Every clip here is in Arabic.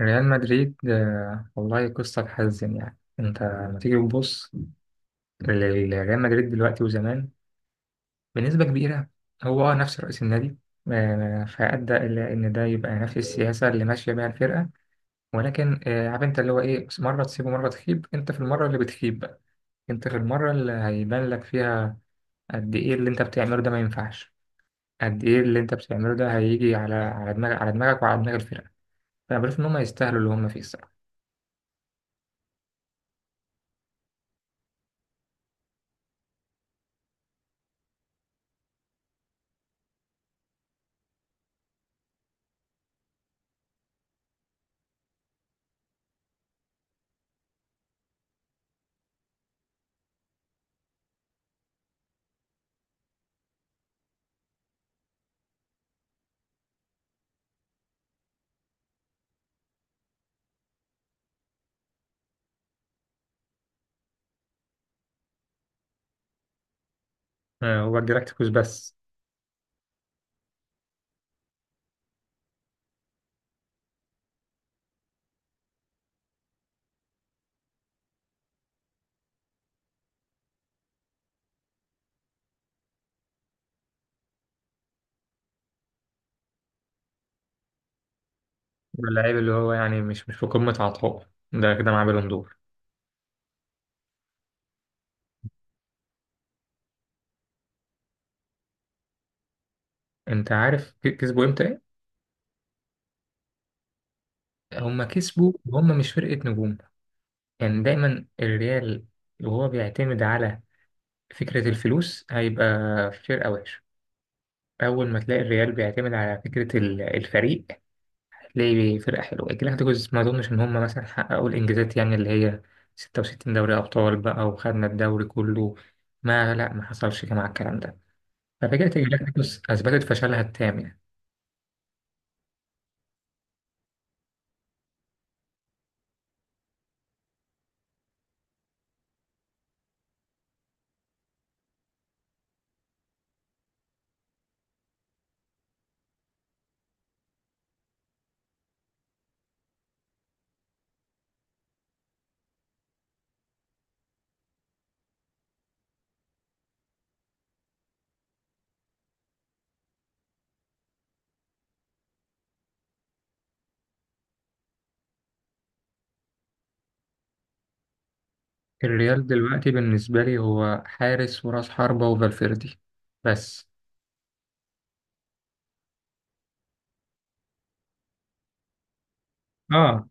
ريال مدريد، والله قصة تحزن. يعني انت لما تيجي تبص لريال مدريد دلوقتي وزمان بنسبة كبيرة هو نفس رئيس النادي. فأدى إلى إن ده يبقى نفس السياسة اللي ماشية بيها الفرقة. ولكن عارف انت اللي هو ايه، مرة تسيب ومرة تخيب. انت في المرة اللي بتخيب بقى، انت في المرة اللي هيبان لك فيها قد ايه اللي انت بتعمله ده ما ينفعش. قد ايه اللي انت بتعمله ده هيجي على على دماغ على دماغك وعلى دماغ الفرقة. فأنا بشوف إن هم يستاهلوا اللي هم فيه الصراحة. هو الجلاكتيكوس بس. اللعيب اللي هو يعني مش في قمة عطائه ده كده معاه بالون دور. انت عارف كسبوا امتى ايه؟ هما كسبوا وهم مش فرقة نجوم. يعني دايما الريال وهو بيعتمد على فكرة الفلوس هيبقى فرقة وحشة. أول ما تلاقي الريال بيعتمد على فكرة الفريق هتلاقي فرقة حلوة. الجلاكتيكوس ما أظنش إن هما مثلا حققوا الإنجازات، يعني اللي هي 66 دوري أبطال بقى وخدنا الدوري كله. ما لا، ما حصلش مع الكلام ده. ففكرة الجلاكتيكوس أثبتت فشلها التام يعني. الريال دلوقتي بالنسبة لي هو حارس وراس حربة وفالفيردي بس. اه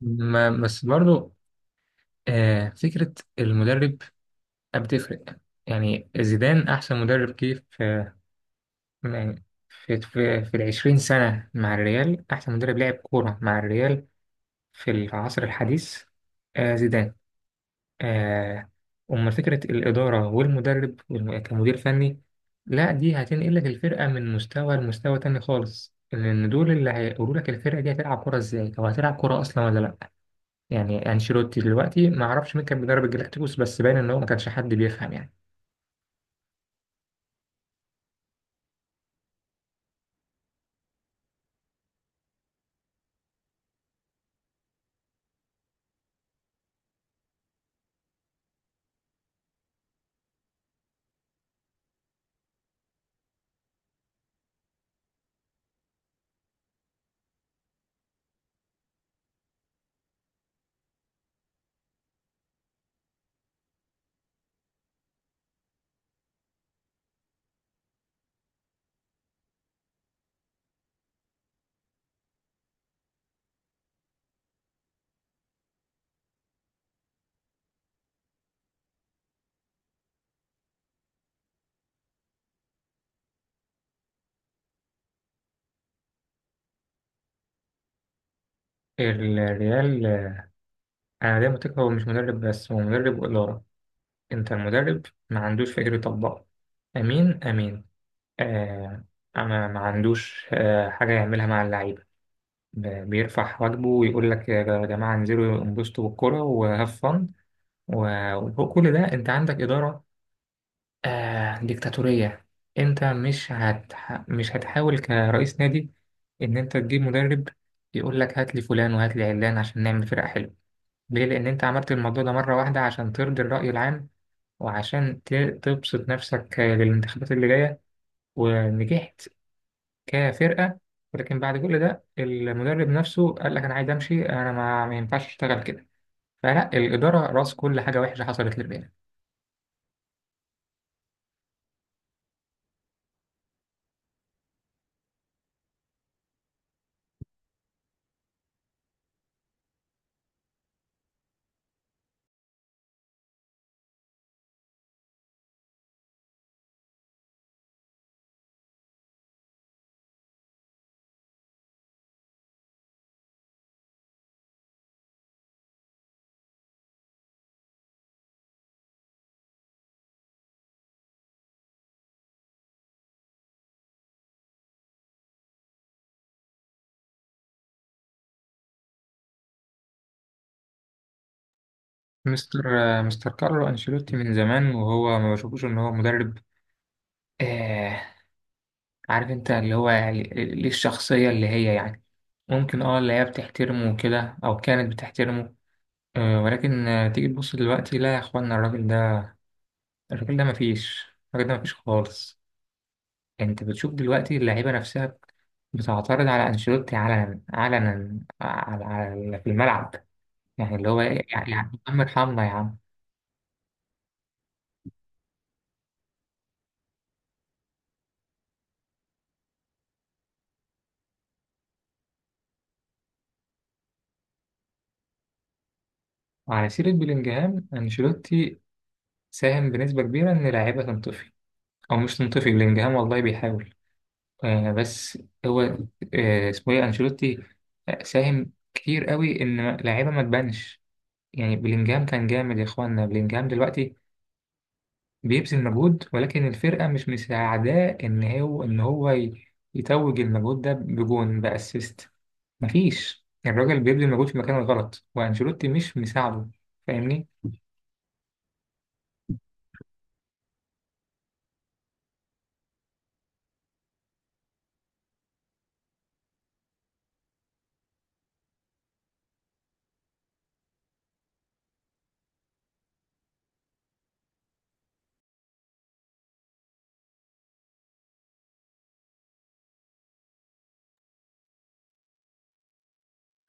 ما بس برضو فكرة المدرب بتفرق. يعني زيدان أحسن مدرب جه في، يعني في العشرين سنة مع الريال أحسن مدرب لعب كورة مع الريال في العصر الحديث. زيدان. آه، أمال فكرة الإدارة والمدرب كمدير فني، لا دي هتنقل لك الفرقة من مستوى لمستوى تاني خالص، لأن دول اللي هيقولوا لك الفرقة دي هتلعب كرة إزاي أو هتلعب كرة أصلا ولا لأ. يعني أنشيلوتي دلوقتي ما أعرفش مين كان بيدرب الجلاكتيكوس، بس باين إن هو ما كانش حد بيفهم يعني. الريال أنا دايما متأكد هو مش مدرب، بس هو مدرب وإدارة. أنت المدرب ما عندوش فكر يطبقه، أمين أمين، آه ما عندوش حاجة يعملها مع اللعيبة. بيرفع واجبه ويقول لك يا جماعة انزلوا انبسطوا بالكرة وهاف فن. وفوق كل ده انت عندك إدارة ديكتاتورية. انت مش هتحاول كرئيس نادي ان انت تجيب مدرب يقول لك هات لي فلان وهات لي علان عشان نعمل فرقة حلوة. ليه؟ لأن انت عملت الموضوع ده مرة واحدة عشان ترضي الرأي العام وعشان تبسط نفسك للانتخابات اللي جاية، ونجحت كفرقة. ولكن بعد كل ده المدرب نفسه قال لك أنا عايز أمشي، أنا ما ينفعش أشتغل كده. فلا، الإدارة رأس كل حاجة وحشة حصلت للريال. مستر مستر كارلو أنشيلوتي من زمان وهو ما بشوفوش إن هو مدرب. آه عارف أنت اللي هو يعني ليه، الشخصية اللي هي يعني ممكن اللي هي بتحترمه وكده، أو كانت بتحترمه. ولكن تيجي تبص دلوقتي، لا يا إخوانا، الراجل ده. الراجل ده مفيش. الراجل ده مفيش خالص. انت بتشوف دلوقتي اللعيبه نفسها بتعترض على انشيلوتي علنا علنا على على في الملعب. يعني اللي هو إيه، يعني يا عم ارحمنا يا عم. وعلى سيره بلينجهام، انشيلوتي ساهم بنسبه كبيره ان لعيبه تنطفي، او مش تنطفي بلينجهام والله بيحاول. بس هو اسمه ايه انشيلوتي، ساهم كتير قوي ان لعيبه ما تبانش. يعني بلينجهام كان جامد يا اخوانا. بلينجهام دلوقتي بيبذل مجهود، ولكن الفرقة مش مساعداه إن هو يتوج المجهود ده بجون بأسيست. مفيش، الراجل بيبذل مجهود في مكان غلط وأنشيلوتي مش مساعده. فاهمني؟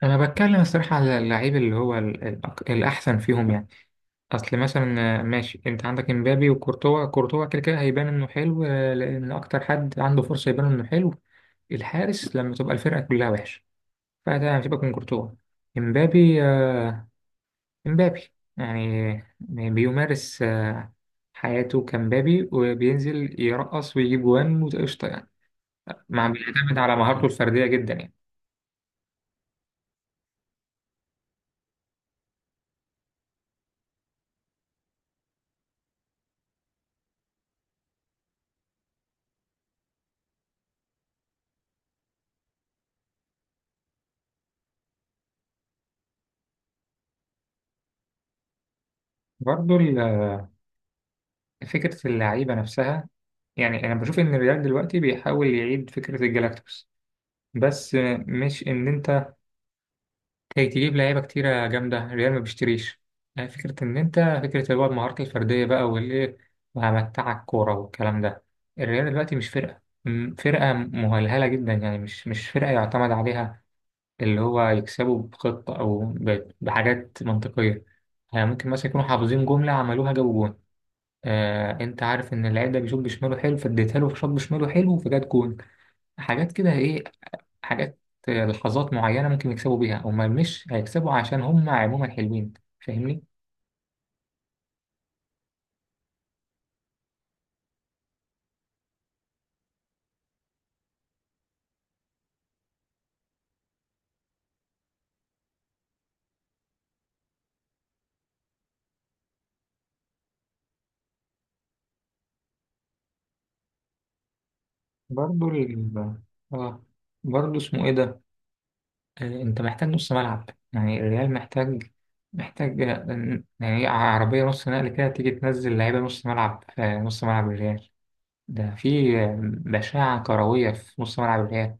أنا بتكلم الصراحة على اللعيب اللي هو الأحسن فيهم يعني. أصل مثلا ماشي أنت عندك إمبابي وكورتوا. كورتوا كده كده هيبان إنه حلو، لأن أكتر حد عنده فرصة يبان إنه حلو الحارس لما تبقى الفرقة كلها وحشة. فتمام، سيبك من كورتوا. إمبابي امبابي يعني بيمارس حياته كمبابي، وبينزل يرقص ويجيب جوان وقشطة يعني. مع بيعتمد على مهارته الفردية جدا يعني. برضه فكرة اللعيبة نفسها، يعني أنا بشوف إن الريال دلوقتي بيحاول يعيد فكرة الجلاكتوس. بس مش إن أنت كي تجيب لعيبة كتيرة جامدة، الريال ما بيشتريش. يعني فكرة إن أنت، فكرة اللي هو المهارات الفردية بقى والإيه وهمتعك كورة والكلام ده، الريال دلوقتي مش فرقة فرقة مهلهلة جدا يعني. مش فرقة يعتمد عليها اللي هو يكسبوا بخطة أو بحاجات منطقية. يعني ممكن مثلا يكونوا حافظين جملة عملوها جابوا جون، أنت عارف إن اللعيب ده بيشوط بشماله حلو فاديتها له في شوط بشماله حلو فجات جون. حاجات كده إيه، حاجات، لحظات معينة ممكن يكسبوا بيها. هما مش هيكسبوا عشان هما عموما حلوين. فاهمني؟ برضو اه برضو اسمه ايه ده، انت محتاج نص ملعب. يعني الريال محتاج يعني عربية نص نقل كده تيجي تنزل لعيبة نص ملعب. نص ملعب الريال ده في بشاعة كروية في نص ملعب الريال.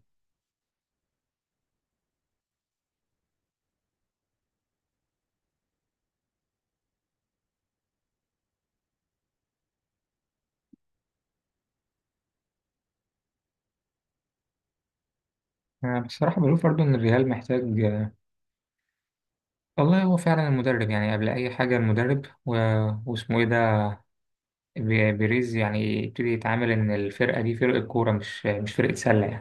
أنا بصراحة بشوف برضو إن الريال محتاج. والله هو فعلا المدرب يعني قبل أي حاجة المدرب واسمه إيه ده، بيريز، يعني يبتدي يتعامل إن الفرقة دي فرقة كورة مش فرقة سلة يعني